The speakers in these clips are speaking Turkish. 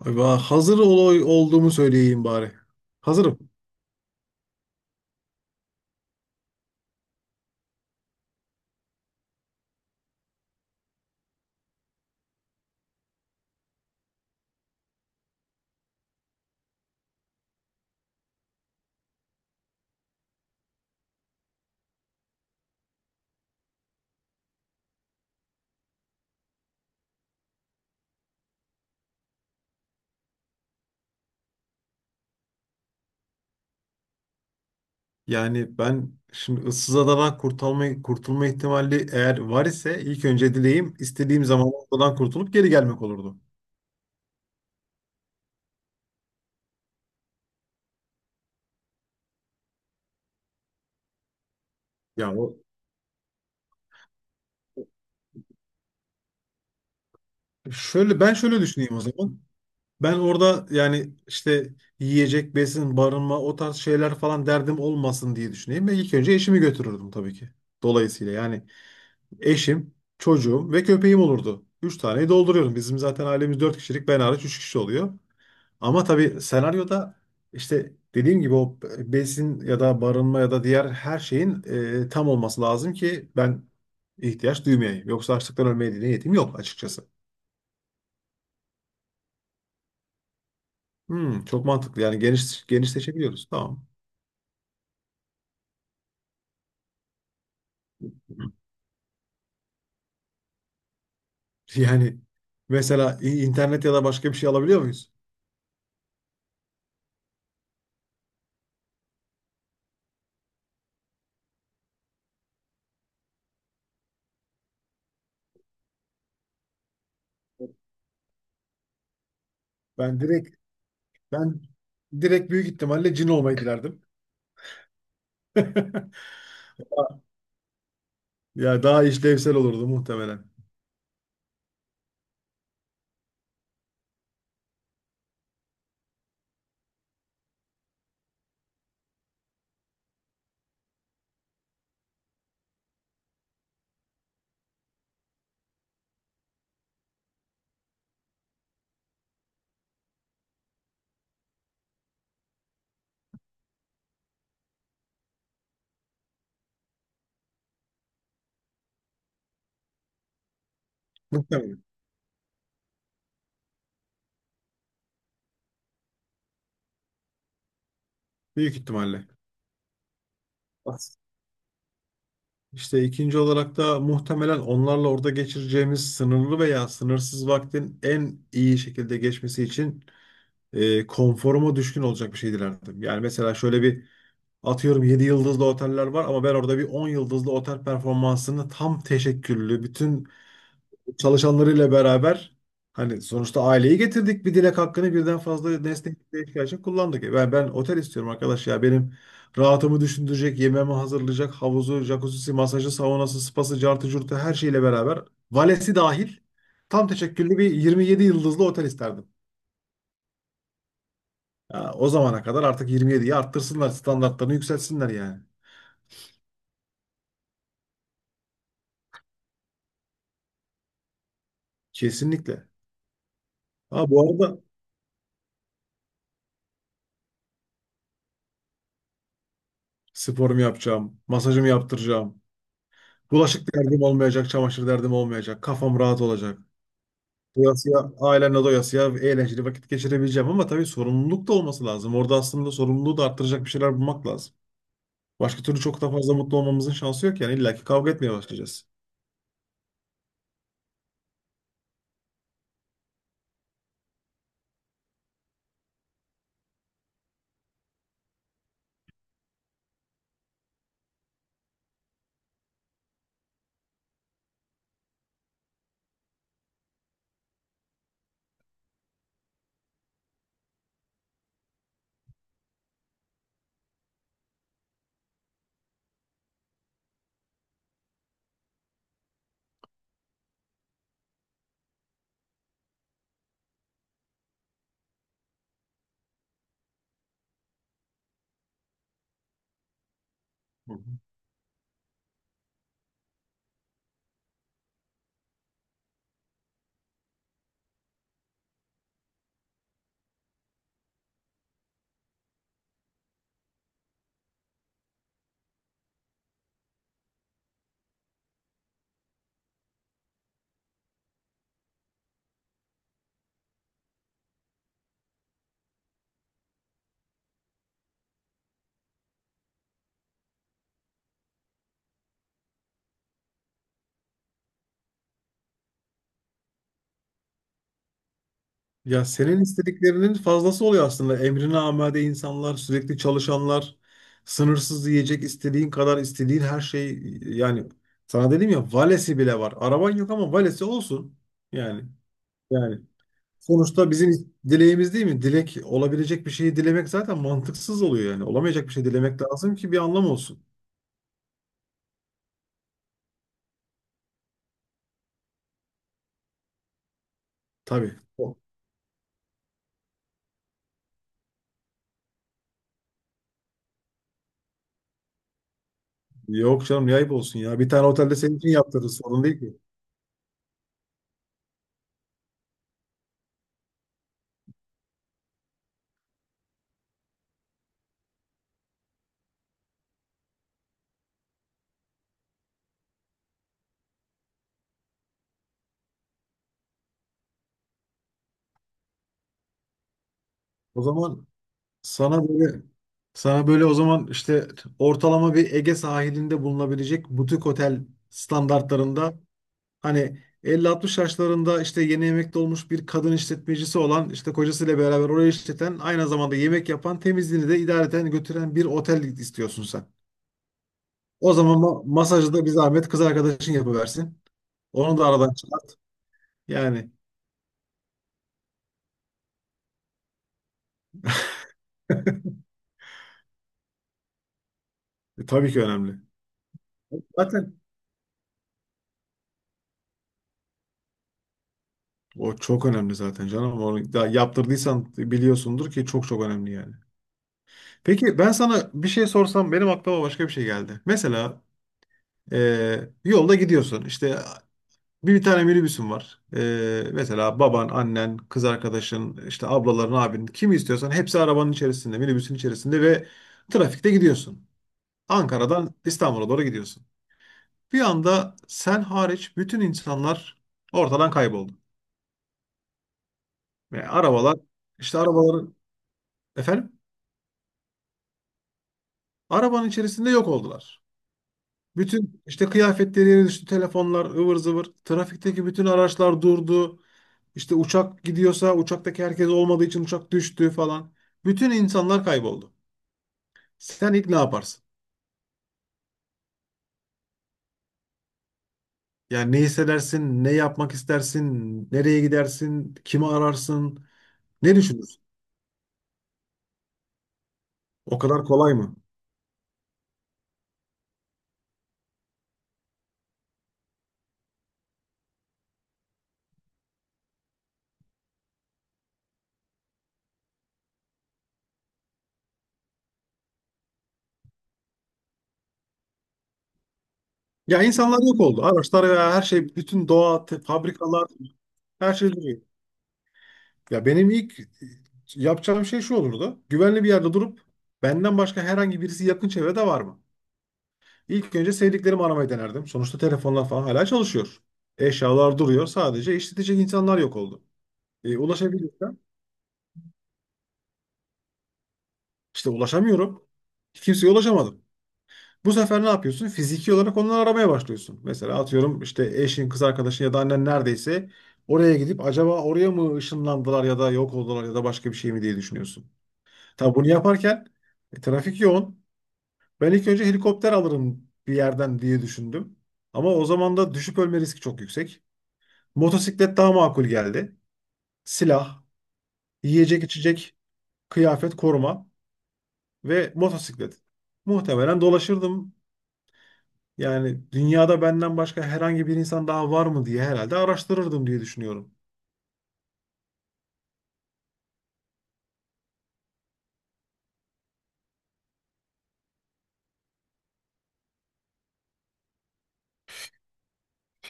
Ay ben hazır olay olduğumu söyleyeyim bari. Hazırım. Yani ben şimdi ıssız adadan kurtulma ihtimali eğer var ise ilk önce dileğim istediğim zaman oradan kurtulup geri gelmek olurdu. Ya o şöyle ben şöyle düşüneyim o zaman. Ben orada yani işte yiyecek, besin, barınma o tarz şeyler falan derdim olmasın diye düşüneyim ve ilk önce eşimi götürürdüm tabii ki. Dolayısıyla yani eşim, çocuğum ve köpeğim olurdu. Üç taneyi dolduruyorum. Bizim zaten ailemiz dört kişilik ben hariç üç kişi oluyor. Ama tabii senaryoda işte dediğim gibi o besin ya da barınma ya da diğer her şeyin tam olması lazım ki ben ihtiyaç duymayayım. Yoksa açlıktan ölmeye de niyetim yok açıkçası. Hmm, çok mantıklı. Yani geniş genişleşebiliyoruz. Tamam. Yani mesela internet ya da başka bir şey alabiliyor muyuz? Ben direkt ben direkt büyük ihtimalle cin olmayı dilerdim. Ya daha işlevsel olurdu muhtemelen. Muhtemelen. Büyük ihtimalle. İşte ikinci olarak da muhtemelen onlarla orada geçireceğimiz sınırlı veya sınırsız vaktin en iyi şekilde geçmesi için konforuma düşkün olacak bir şey dilerdim. Yani mesela şöyle bir atıyorum 7 yıldızlı oteller var ama ben orada bir 10 yıldızlı otel performansını tam teşekküllü, bütün çalışanlarıyla beraber hani sonuçta aileyi getirdik bir dilek hakkını birden fazla nesneye ihtiyaç için kullandık. Ben otel istiyorum arkadaş ya benim rahatımı düşündürecek, yemeğimi hazırlayacak, havuzu, jacuzzi, masajı, saunası, spası, cartı, curtu her şeyle beraber valesi dahil tam teşekküllü bir 27 yıldızlı otel isterdim. Ya, o zamana kadar artık 27'yi arttırsınlar, standartlarını yükseltsinler yani. Kesinlikle. Ha, bu arada sporumu yapacağım, masajımı yaptıracağım, bulaşık derdim olmayacak, çamaşır derdim olmayacak. Kafam rahat olacak. Doyasıya, ailemle doyasıya eğlenceli vakit geçirebileceğim ama tabii sorumluluk da olması lazım. Orada aslında sorumluluğu da arttıracak bir şeyler bulmak lazım. Başka türlü çok da fazla mutlu olmamızın şansı yok yani illaki kavga etmeye başlayacağız. Hı hı. Ya senin istediklerinin fazlası oluyor aslında. Emrine amade insanlar, sürekli çalışanlar, sınırsız yiyecek, istediğin kadar istediğin her şey yani sana dedim ya valesi bile var. Araban yok ama valesi olsun. Yani yani sonuçta bizim dileğimiz değil mi? Dilek olabilecek bir şeyi dilemek zaten mantıksız oluyor yani. Olamayacak bir şey dilemek lazım ki bir anlam olsun. Tabii. Yok canım ne ayıp olsun ya. Bir tane otelde senin için yaptırırız sorun değil ki. O zaman sana böyle sana böyle o zaman işte ortalama bir Ege sahilinde bulunabilecek butik otel standartlarında. Hani 50-60 yaşlarında işte yeni emekli olmuş bir kadın işletmecisi olan işte kocasıyla beraber orayı işleten aynı zamanda yemek yapan temizliğini de idareten götüren bir otel istiyorsun sen. O zaman masajı da bir zahmet kız arkadaşın yapıversin. Onu da aradan çıkart. Yani tabii ki önemli. Zaten o çok önemli zaten canım. Onu da yaptırdıysan biliyorsundur ki çok çok önemli yani. Peki ben sana bir şey sorsam benim aklıma başka bir şey geldi. Mesela e, yolda gidiyorsun işte bir tane minibüsün var. Mesela baban, annen, kız arkadaşın, işte ablaların, abinin kimi istiyorsan hepsi arabanın içerisinde, minibüsün içerisinde ve trafikte gidiyorsun. Ankara'dan İstanbul'a doğru gidiyorsun. Bir anda sen hariç bütün insanlar ortadan kayboldu. Ve arabalar işte arabaların efendim arabanın içerisinde yok oldular. Bütün işte kıyafetleri yere düştü, telefonlar ıvır zıvır, trafikteki bütün araçlar durdu. İşte uçak gidiyorsa uçaktaki herkes olmadığı için uçak düştü falan. Bütün insanlar kayboldu. Sen ilk ne yaparsın? Yani ne hissedersin, ne yapmak istersin, nereye gidersin, kimi ararsın, ne düşünürsün? O kadar kolay mı? Ya insanlar yok oldu. Araçlar ve her şey, bütün doğa, fabrikalar, her şey duruyor. Ya benim ilk yapacağım şey şu olurdu. Güvenli bir yerde durup benden başka herhangi birisi yakın çevrede var mı? İlk önce sevdiklerimi aramayı denerdim. Sonuçta telefonlar falan hala çalışıyor. Eşyalar duruyor. Sadece işletecek insanlar yok oldu. Ulaşabilirsem işte ulaşamıyorum. Kimseye ulaşamadım. Bu sefer ne yapıyorsun? Fiziki olarak onları aramaya başlıyorsun. Mesela atıyorum işte eşin, kız arkadaşın ya da annen neredeyse oraya gidip acaba oraya mı ışınlandılar ya da yok oldular ya da başka bir şey mi diye düşünüyorsun. Tabii bunu yaparken trafik yoğun. Ben ilk önce helikopter alırım bir yerden diye düşündüm. Ama o zaman da düşüp ölme riski çok yüksek. Motosiklet daha makul geldi. Silah, yiyecek içecek, kıyafet, koruma ve motosiklet. Muhtemelen dolaşırdım. Yani dünyada benden başka herhangi bir insan daha var mı diye herhalde araştırırdım diye düşünüyorum.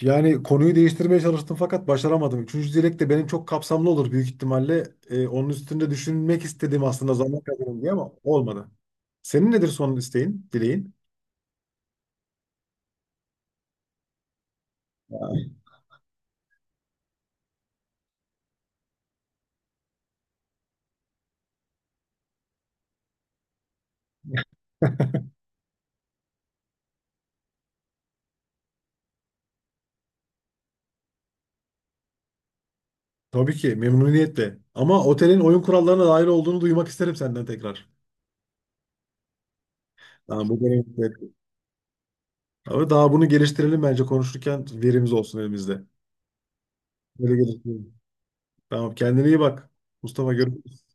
Yani konuyu değiştirmeye çalıştım fakat başaramadım. Üçüncü dilek de benim çok kapsamlı olur büyük ihtimalle. Onun üstünde düşünmek istedim aslında zaman kazanayım diye ama olmadı. Senin nedir son isteğin, dileğin? Tabii ki memnuniyetle. Ama otelin oyun kurallarına dair olduğunu duymak isterim senden tekrar. Tamam, bu benim. Evet. Ama daha bunu geliştirelim bence konuşurken verimiz olsun elimizde. Böyle geliştirelim. Tamam kendine iyi bak. Mustafa görüşürüz.